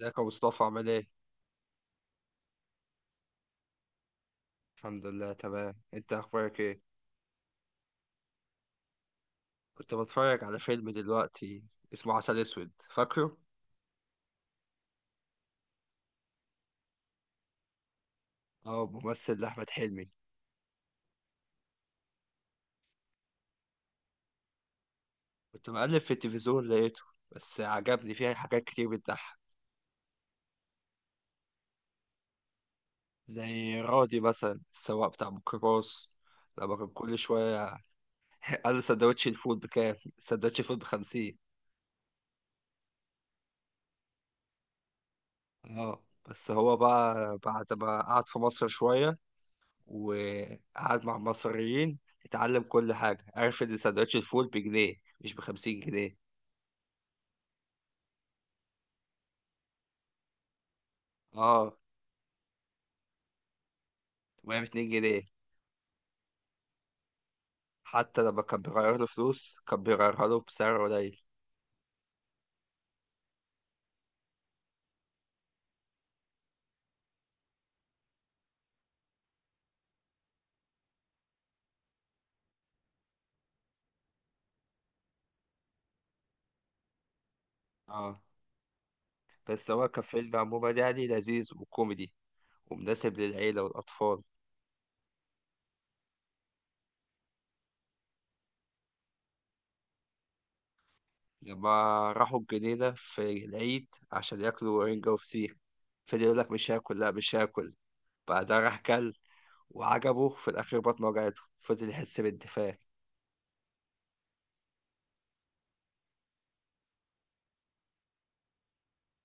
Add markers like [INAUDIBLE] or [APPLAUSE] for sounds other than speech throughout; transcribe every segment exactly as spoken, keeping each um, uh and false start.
ازيك يا مصطفى، عامل ايه؟ الحمد لله تمام، انت اخبارك ايه؟ كنت بتفرج على فيلم دلوقتي اسمه عسل اسود، فاكره؟ اه، ممثل لأحمد حلمي. كنت مقلب في التلفزيون لقيته. بس عجبني فيه حاجات كتير بتضحك. زي رادي مثلا السواق بتاع ميكروباص، لما كان كل شوية [LAUGHS] قال له سندوتش الفول بكام؟ سندوتش الفول بخمسين. اه، بس هو بقى بعد ما قعد في مصر شوية وقعد مع مصريين، اتعلم كل حاجة. عرف ان سندوتش الفول بجنيه مش بخمسين جنيه. اه. وهي باتنين جنيه. حتى لما كان بيغير له فلوس كان بيغيرها له بسعر قليل. اه، بس هو كفيلم عموما يعني لذيذ وكوميدي ومناسب للعيلة والأطفال. لما راحوا الجنينة في العيد عشان ياكلوا رنجة وفسيخ، فضل يقول لك مش هاكل، لا مش هاكل. بعدها راح كل، وعجبه في الأخير بطنه وجعته، فضل يحس بالدفاع.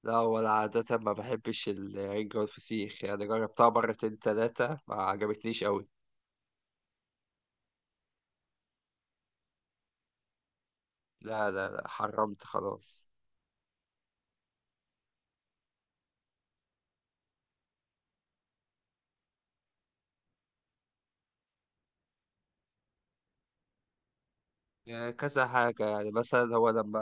لا، ولا عادة، ما بحبش الرنجة والفسيخ، يعني جربتها مرتين تلاتة ما عجبتنيش أوي. لا لا لا، حرمت خلاص. يعني كذا حاجة، يعني مثلا هو لما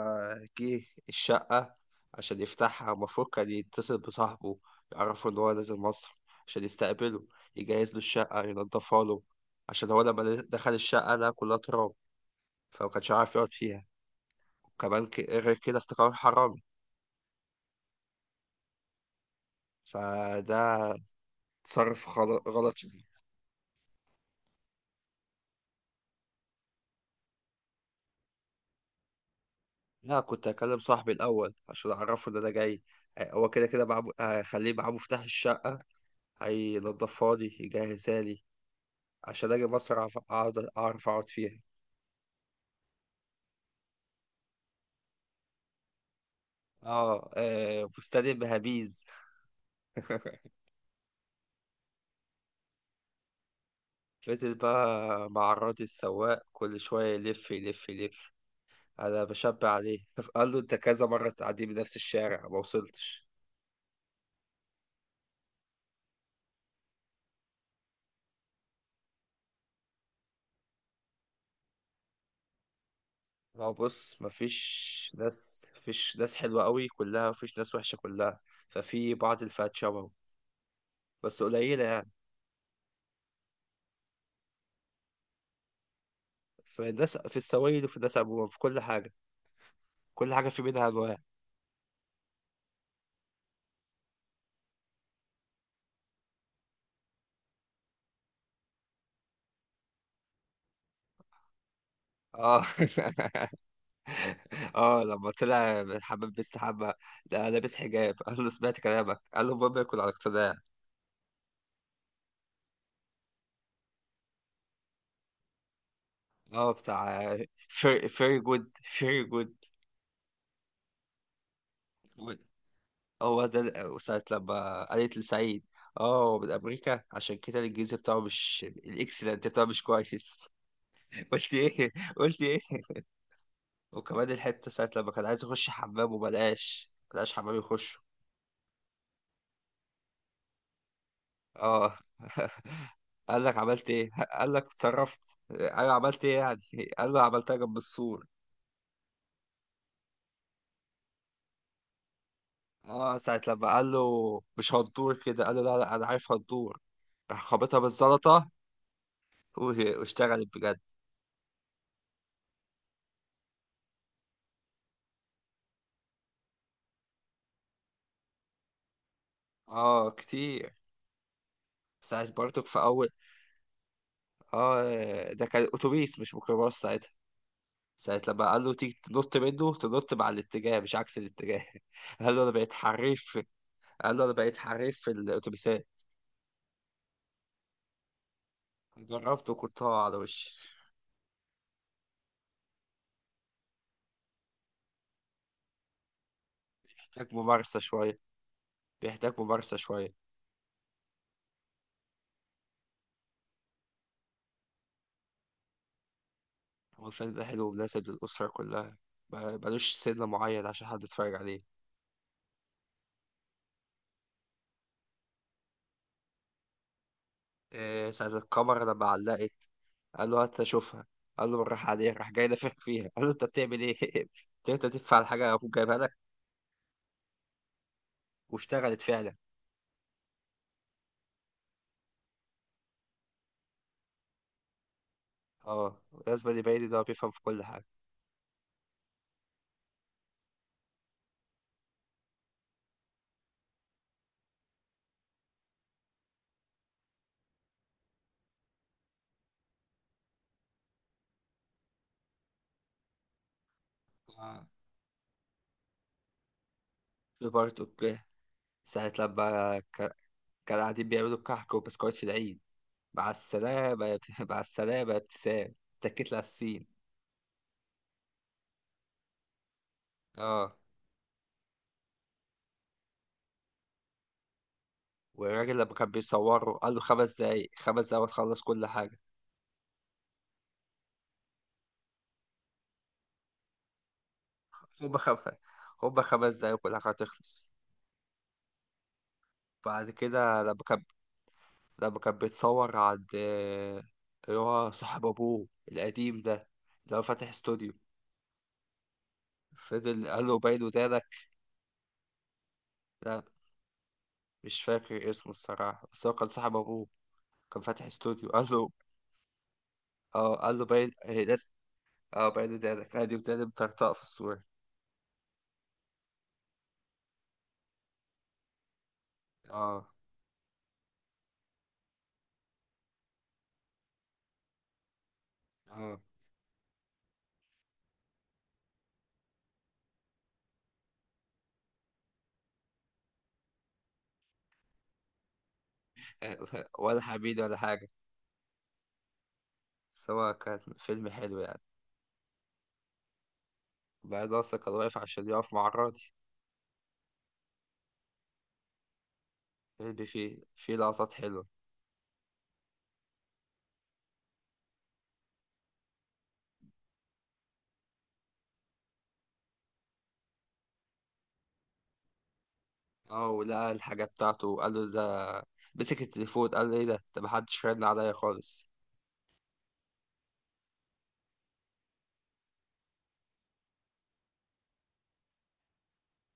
جه الشقة عشان يفتحها، المفروض كان يتصل بصاحبه يعرفه إن هو نازل مصر عشان يستقبله، يجهز له الشقة ينضفها له. عشان هو لما دخل الشقة لقى كلها تراب فما كانش عارف يقعد فيها. وكمان ك- غير كده افتكر حرامي. فده تصرف خل- غلط. لا، كنت هكلم صاحبي الأول عشان أعرفه إن أنا جاي. آه، هو كده كده معاه، هخليه معاه مفتاح الشقة، هينضفها لي يجهزها لي عشان أجي مصر أعرف أقعد، أعرف أقعد فيها. آه آه، فستان بهابيز. [LAUGHS] فضل بقى معرضي السواق كل شوية يلف يلف يلف، أنا بشبع عليه. [LAUGHS] قال له أنت كذا مرة تعدي بنفس الشارع ما وصلتش. ما هو بص، مفيش ناس مفيش ناس حلوة قوي كلها، مفيش ناس وحشة كلها. ففي بعض الفئات شبهه، بس قليلة يعني. في ده س- في السوائل وفي ده سبوبة في كل حاجة. كل حاجة في منها أنواع. اه. [LAUGHS] اه، لما طلع حمام مستحمى، لا لابس حجاب. [LAUGHS] قال له سمعت كلامك، قال له المهم يكون على اقتناع. اه، بتاع فيري جود فيري جود. هو ده ساعة لما قالت لسعيد. اه، هو من أمريكا عشان كده الإنجليزي بتاعه مش، الإكسلنت بتاعه مش كويس. [LAUGHS] قلت إيه قلت إيه. وكمان الحتة ساعة لما كان عايز يخش حمام وملقاش ملقاش حمام يخش. اه. [LAUGHS] قال لك عملت ايه، قال لك اتصرفت. ايوه، عملت ايه يعني. قال له عملتها جنب السور. اه، ساعة لما قال له مش هتدور كده، قال له لا لا انا عارف هتدور. راح خبطها بالزلطة و- واشتغلت بجد. اه كتير. ساعة برضك في اول. اه، ده كان اتوبيس مش ميكروباص ساعتها. ساعة لما قال له تيجي تنط منه، تنط مع الاتجاه مش عكس الاتجاه. [LAUGHS] قال له انا بقيت حريف. قال له انا بقيت حريف في الاتوبيسات. جربت وكنت هقع على وشي. محتاج ممارسة شوية، بيحتاج ممارسة شوية. هو الفيلم ده حلو ومناسب للأسرة كلها، ما- ملوش سن معين عشان حد يتفرج عليه. إيه ساعة الكاميرا لما علقت، قال له هات أشوفها، قال له بالراحة عليها، راح جاي نافخ فيها. قال له أنت بتعمل إيه؟ [LAUGHS] قلت له أنت تدفع على حاجة أبوك جايبها لك. واشتغلت فعلا. أه، لازم يبين إن هو بيفهم في كل حاجة. آه. في برضه ساعة لما ك- كانوا قاعدين بيعملوا كحك وبسكويت في العيد. مع السلامة يا [LAUGHS] مع السلامة يا ابتسام، اتكيت على السين. اه، والراجل لما كان بيصوره قال له خمس دقايق، خمس دقايق وتخلص كل حاجة. هما خمس هما خمس دقايق وكل حاجة هتخلص. بعد كده لما كان لما كان بيتصور عند آه، اللي هو صاحب أبوه القديم ده، اللي هو فاتح استوديو. فضل قال له باين ودانك. لا، مش فاكر اسمه الصراحة، بس هو كان صاحب أبوه، كان فاتح استوديو. قال له اه، قال له باين، آه، لازم. اه، باين ودانك، ادي وداني مطرطقة في الصورة. اه. اه، ولا حبيبي ولا حاجة. بس هو كان فيلم حلو يعني. بعد اصلا كان واقف عشان يقف مع الراجل. فيلم فيه فيه لقطات حلوة. اه، ولقى الحاجة بتاعته وقال له ده، مسك التليفون قال له ايه ده، ده محدش رن عليا خالص.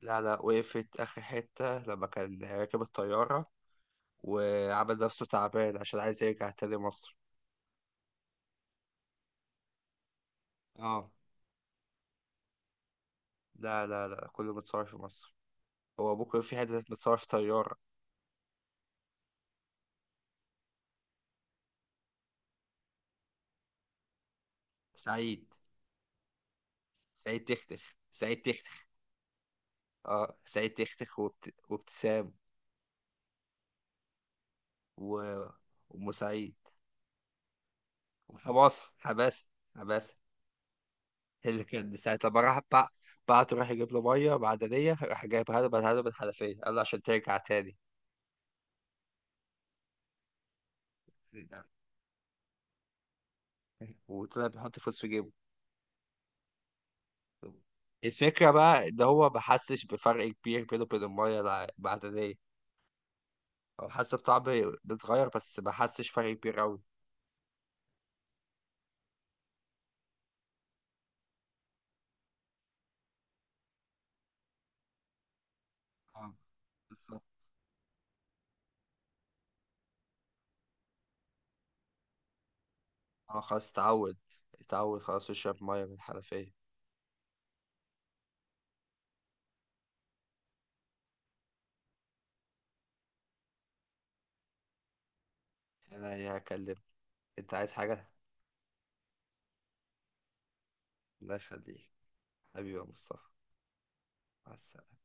لا لا، وقفت آخر حتة لما كان راكب الطيارة وعمل نفسه تعبان عشان عايز يرجع تاني مصر. اه. لا لا لا، كله متصور في مصر. هو بكرة في حتة متصور في طيارة. سعيد سعيد تختخ، سعيد تختخ. اه، سعيد تختخ وابت... وابتسام. و... وام سعيد، وحماسه حماسه حماسه. اللي كان ساعة لما راح بع... بعته، راح يجيب له ميه معدنيه، راح جايب هدبة هدبة حنفيه، قال له عشان ترجع تاني. وطلع بيحط فلوس في جيبه. الفكرة بقى إن هو ما حسش بفرق كبير بينه وبين المية الع- المعدنية. هو حس بطعم بيتغير، بس ما حسش فرق كبير أوي. اه، بالظبط. اه، خلاص اتعود، اتعود خلاص يشرب مية من الحنفية. أنا هكلمه. انت عايز حاجة؟ الله يخليك، حبيبي يا مصطفى. مع السلامة.